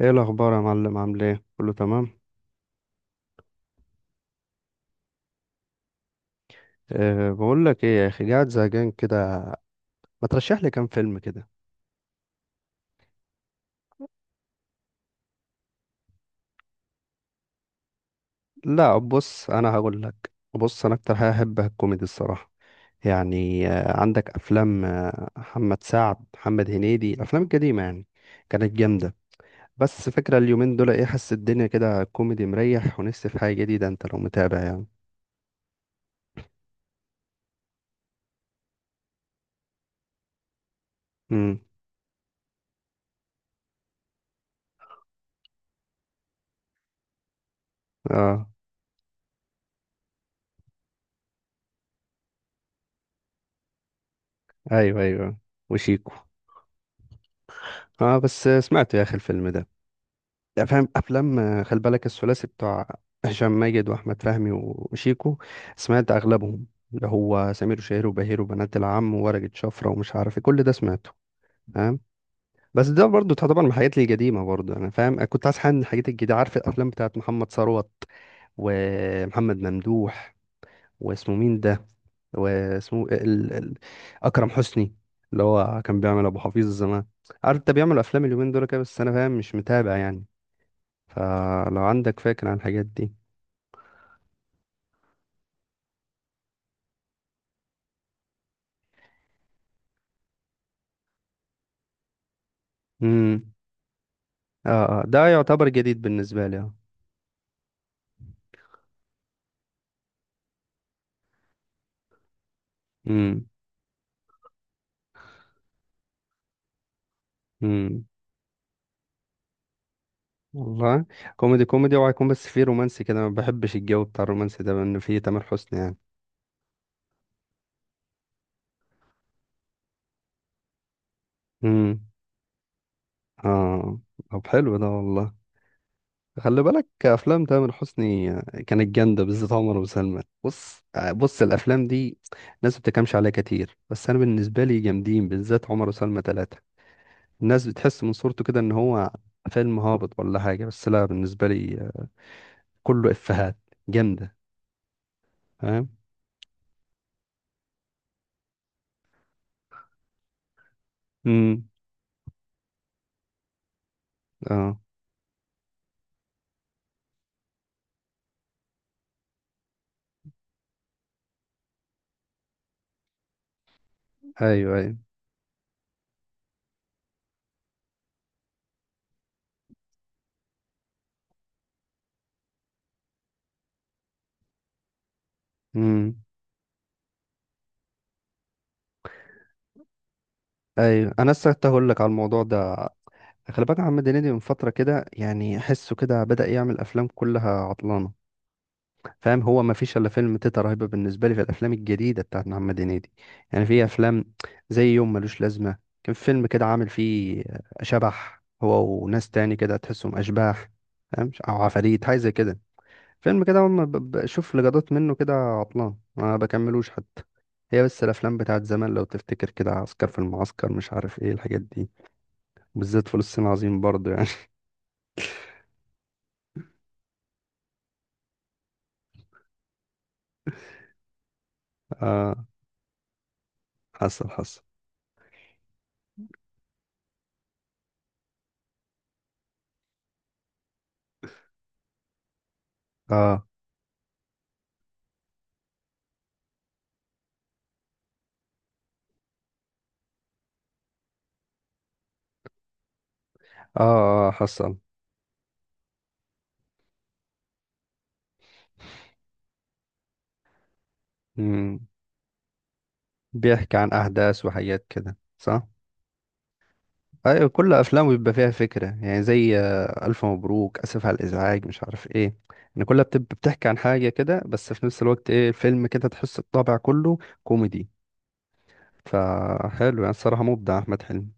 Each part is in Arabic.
ايه الاخبار يا معلم، عامل ايه، كله تمام؟ بقول لك ايه يا اخي، قاعد زهقان كده. ما ترشح لي كام فيلم كده. لا بص، انا هقول لك، بص، انا اكتر حاجه احبها الكوميدي الصراحه. يعني عندك افلام محمد سعد، محمد هنيدي، الافلام القديمه يعني كانت جامده. بس فكره اليومين دول ايه، حاسس الدنيا كده كوميدي مريح، ونفسي في حاجه جديده، انت لو متابع يعني. امم. اه، ايوه، ايوه، وشيكو. اه، بس سمعت يا اخي الفيلم ده، يعني فاهم، افلام خلي بالك الثلاثي بتاع هشام ماجد واحمد فهمي وشيكو، سمعت اغلبهم، اللي هو سمير وشهير وبهير، وبنات العم، وورقة شفرة، ومش عارف ايه، كل ده سمعته، فاهم؟ بس ده برضو تعتبر من الحاجات القديمة، برضو انا فاهم، أنا كنت عايز حاجة من الحاجات الجديدة. عارف الافلام بتاعت محمد ثروت، ومحمد ممدوح، واسمه مين ده، واسمه اكرم حسني، اللي هو كان بيعمل ابو حفيظ زمان، عارف انت بيعمل افلام اليومين دول كده، بس انا فاهم مش متابع يعني. فلو عندك فكرة عن الحاجات دي. امم. اه، اه، ده يعتبر جديد بالنسبة لي، اه. امم. امم. والله، كوميدي كوميدي، وهيكون بس فيه رومانسي كده ما بحبش، الجو بتاع الرومانسي ده لأن فيه تامر حسني يعني. امم. اه، طب حلو ده والله. خلي بالك، افلام تامر حسني كانت جامده، بالذات عمر وسلمى، بص، بص الافلام دي، الناس ما بتكلمش عليها كتير، بس انا بالنسبه لي جامدين، بالذات عمر وسلمى 3. الناس بتحس من صورته كده ان هو فيلم هابط ولا حاجه، بس لا، بالنسبه لي كله افيهات جامده، فاهم؟ امم. اه، ايوه، ايوه. امم. ايوه، انا لسه كنت هقول لك على الموضوع ده. خلي بالك، محمد هنيدي من فتره كده يعني احسه كده بدأ يعمل افلام كلها عطلانه، فاهم، هو ما فيش الا فيلم تيتا رهيبه بالنسبه لي في الافلام الجديده بتاعت محمد هنيدي، يعني في افلام زي يوم ملوش لازمه، كان في فيلم كده عامل فيه شبح، هو وناس تاني كده تحسهم اشباح، فاهم، او عفاريت حاجه زي كده. فيلم كده هم بشوف لقطات منه كده عطلان، ما بكملوش حتى. هي بس الافلام بتاعت زمان لو تفتكر كده، عسكر في المعسكر، مش عارف ايه الحاجات دي، وبالذات فول الصين العظيم برضه يعني. اه، حصل، حصل. اه، اه، اه، حصل. بيحكي عن أحداث وحاجات كده، صح؟ أيوة، كل أفلامه بيبقى فيها فكرة، يعني زي ألف مبروك، أسف على الإزعاج، مش عارف إيه، إن كلها بتبقى بتحكي عن حاجة كده، بس في نفس الوقت إيه الفيلم كده تحس الطابع كله كوميدي، فحلو يعني الصراحة، مبدع أحمد حلمي.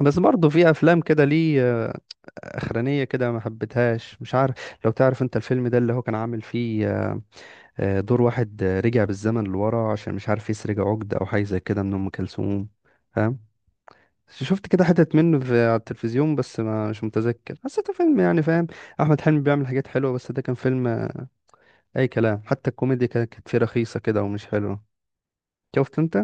بس برضه في أفلام كده ليه أخرانية كده ما حبيتهاش، مش عارف، لو تعرف أنت الفيلم ده، اللي هو كان عامل فيه دور واحد، رجع بالزمن لورا عشان مش عارف يسرق عقدة أو حاجة زي كده من أم كلثوم، فاهم، بس شفت كده حتت منه في على التلفزيون، بس ما مش متذكر، حسيته فيلم يعني، فاهم، احمد حلمي بيعمل حاجات حلوه، بس ده كان فيلم اي كلام، حتى الكوميديا كانت فيه رخيصه كده ومش حلوه، شفت انت.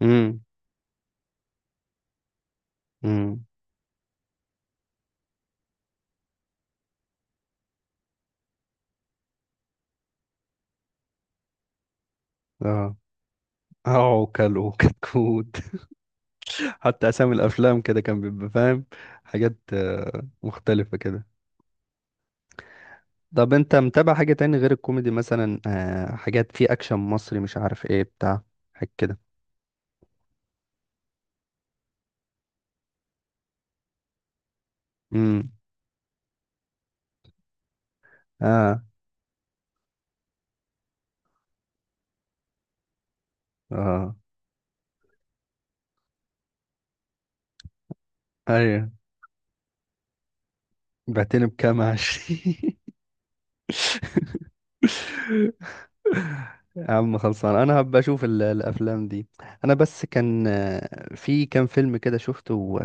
امم. امم. اه، اه، كلو كتكوت. حتى اسامي الافلام كده كان بيبقى فاهم، حاجات مختلفه كده. طب انت متابع حاجه تاني غير الكوميدي، مثلا حاجات فيه اكشن مصري، مش عارف ايه بتاع حاجه كده. امم. اه، اه، ايوه، بعتني بكام 20. يا عم خلصان، انا هبقى اشوف الافلام دي، انا بس كان في كام فيلم كده شفته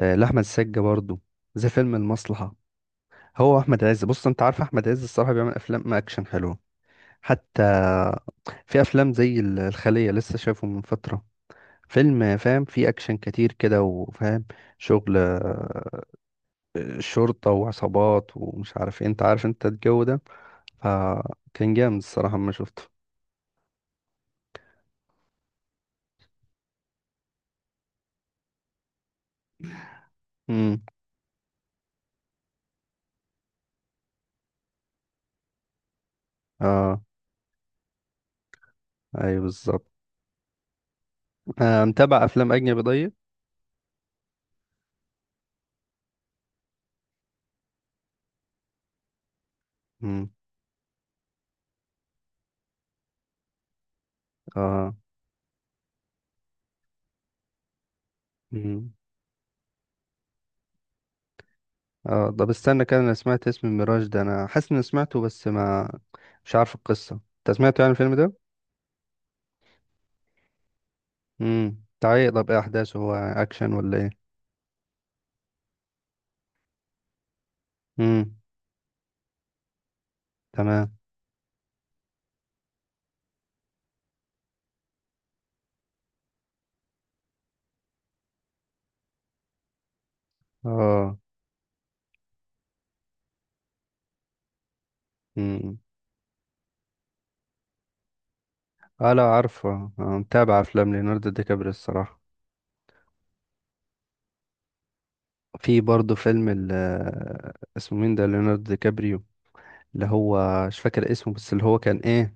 لاحمد السقا برضو، زي فيلم المصلحة. هو احمد عز، بص انت عارف احمد عز الصراحة بيعمل افلام اكشن حلوة، حتى في افلام زي الخلية، لسه شايفه من فترة، فيلم فاهم فيه اكشن كتير كده وفاهم، شغل شرطة وعصابات ومش عارف إيه. انت عارف انت الجو ده، فكان جامد الصراحة ما شفته. امم. اه، ايوه بالظبط. آه، متابع افلام اجنبي طيب؟ امم. اه. امم. اه، طب استنى كده، انا سمعت اسم ميراج ده، انا حاسس اني سمعته، بس ما مش عارف القصه، انت سمعته يعني الفيلم ده؟ امم، تعيق، طب ايه احداثه، هو اكشن ولا ايه؟ امم. تمام. اه. امم. اه، لا عارفه. آه، متابع افلام ليوناردو دي كابريو الصراحه؟ في برضه فيلم ال، اسمه مين ده، ليوناردو دي كابريو، اللي هو مش فاكر اسمه، بس اللي هو كان ايه،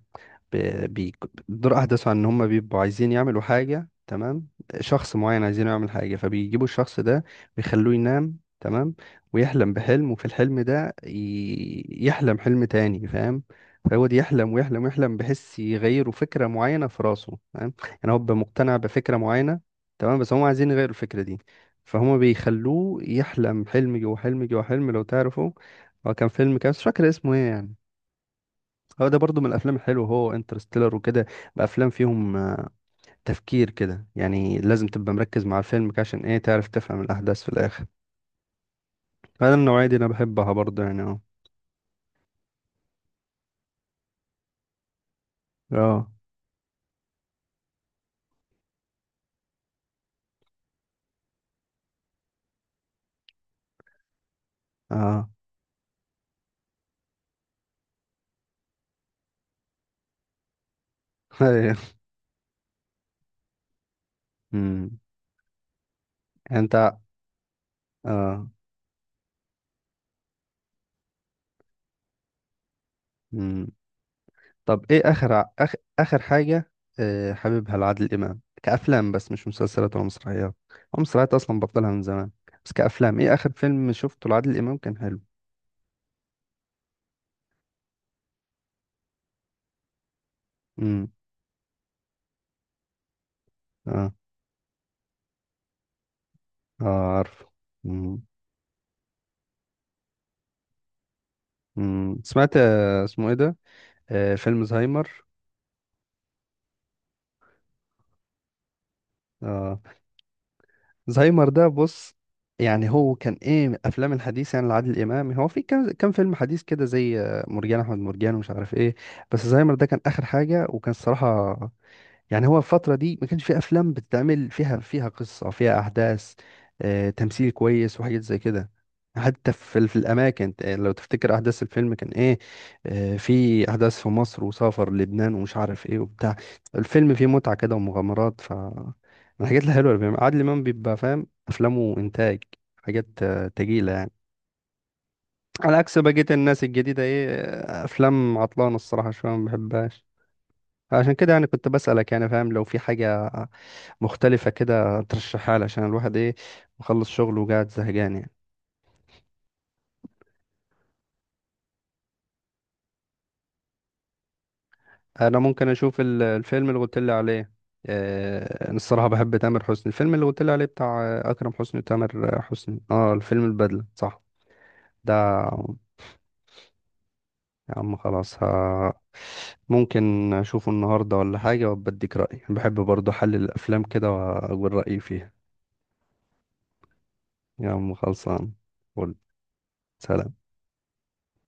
بتدور احداثه عن ان هم بيبقوا عايزين يعملوا حاجه، تمام، شخص معين عايزين يعمل حاجه، فبيجيبوا الشخص ده، بيخلوه ينام، تمام، ويحلم بحلم، وفي الحلم ده يحلم حلم تاني، فاهم، فهو دي يحلم ويحلم ويحلم، بحس يغيروا فكره معينه في راسه، فاهم، يعني هو بيبقى مقتنع بفكره معينه، تمام، بس هم عايزين يغيروا الفكره دي، فهم بيخلوه يحلم حلم جوه حلم جوه حلم، لو تعرفوا، هو كان فيلم، كان مش فاكر اسمه ايه يعني. هو ده برضو من الافلام الحلوه، هو انترستيلر وكده، بافلام فيهم تفكير كده، يعني لازم تبقى مركز مع الفيلم كده عشان ايه تعرف تفهم الاحداث في الاخر. هذا النوعيه دي انا بحبها برضو يعني، اه. اه، اه. أيوة. أمم. انت. اه. أمم. طب ايه اخر اخر حاجه حاببها لعادل امام كافلام، بس مش مسلسلات ولا مسرحيات، هو مسرحيات اصلا بطلها من زمان، بس كافلام ايه اخر فيلم شفته لعادل امام كان حلو؟ امم. اه، اه عارف. مم. سمعت اسمه ايه ده، فيلم زهايمر. آه. زهايمر ده بص، يعني هو كان ايه من الافلام الحديثه يعني لعادل امام، هو في كان فيلم حديث كده زي مرجان احمد مرجان ومش عارف ايه، بس زهايمر ده كان اخر حاجه وكان الصراحه، يعني هو الفترة دي ما كانش في أفلام بتتعمل، فيها قصة، فيها أحداث، تمثيل كويس وحاجات زي كده، حتى في الأماكن، لو تفتكر أحداث الفيلم كان إيه، في أحداث في مصر، وسافر لبنان ومش عارف إيه وبتاع، الفيلم فيه متعة كده ومغامرات، ف الحاجات الحلوة اللي بيعملها عادل إمام، بيبقى فاهم أفلامه إنتاج، حاجات تقيلة يعني، على عكس بقية الناس الجديدة إيه، أفلام عطلانة الصراحة شوية ما بحبهاش، فعشان كده يعني كنت بسألك يعني فاهم، لو في حاجة مختلفة كده ترشحها لي عشان الواحد ايه، مخلص شغله وقاعد زهقان يعني. انا ممكن اشوف الفيلم اللي قلت لي عليه، انا الصراحة بحب تامر حسني، الفيلم اللي قلت لي عليه بتاع اكرم حسني، وتامر حسني، اه الفيلم البدلة، صح؟ ده يا عم خلاص، ها، ممكن اشوفه النهاردة ولا حاجة وبديك رأيي، بحب برضه احلل الافلام كده واقول رأيي فيها. يا عم خلصان، قول، سلام.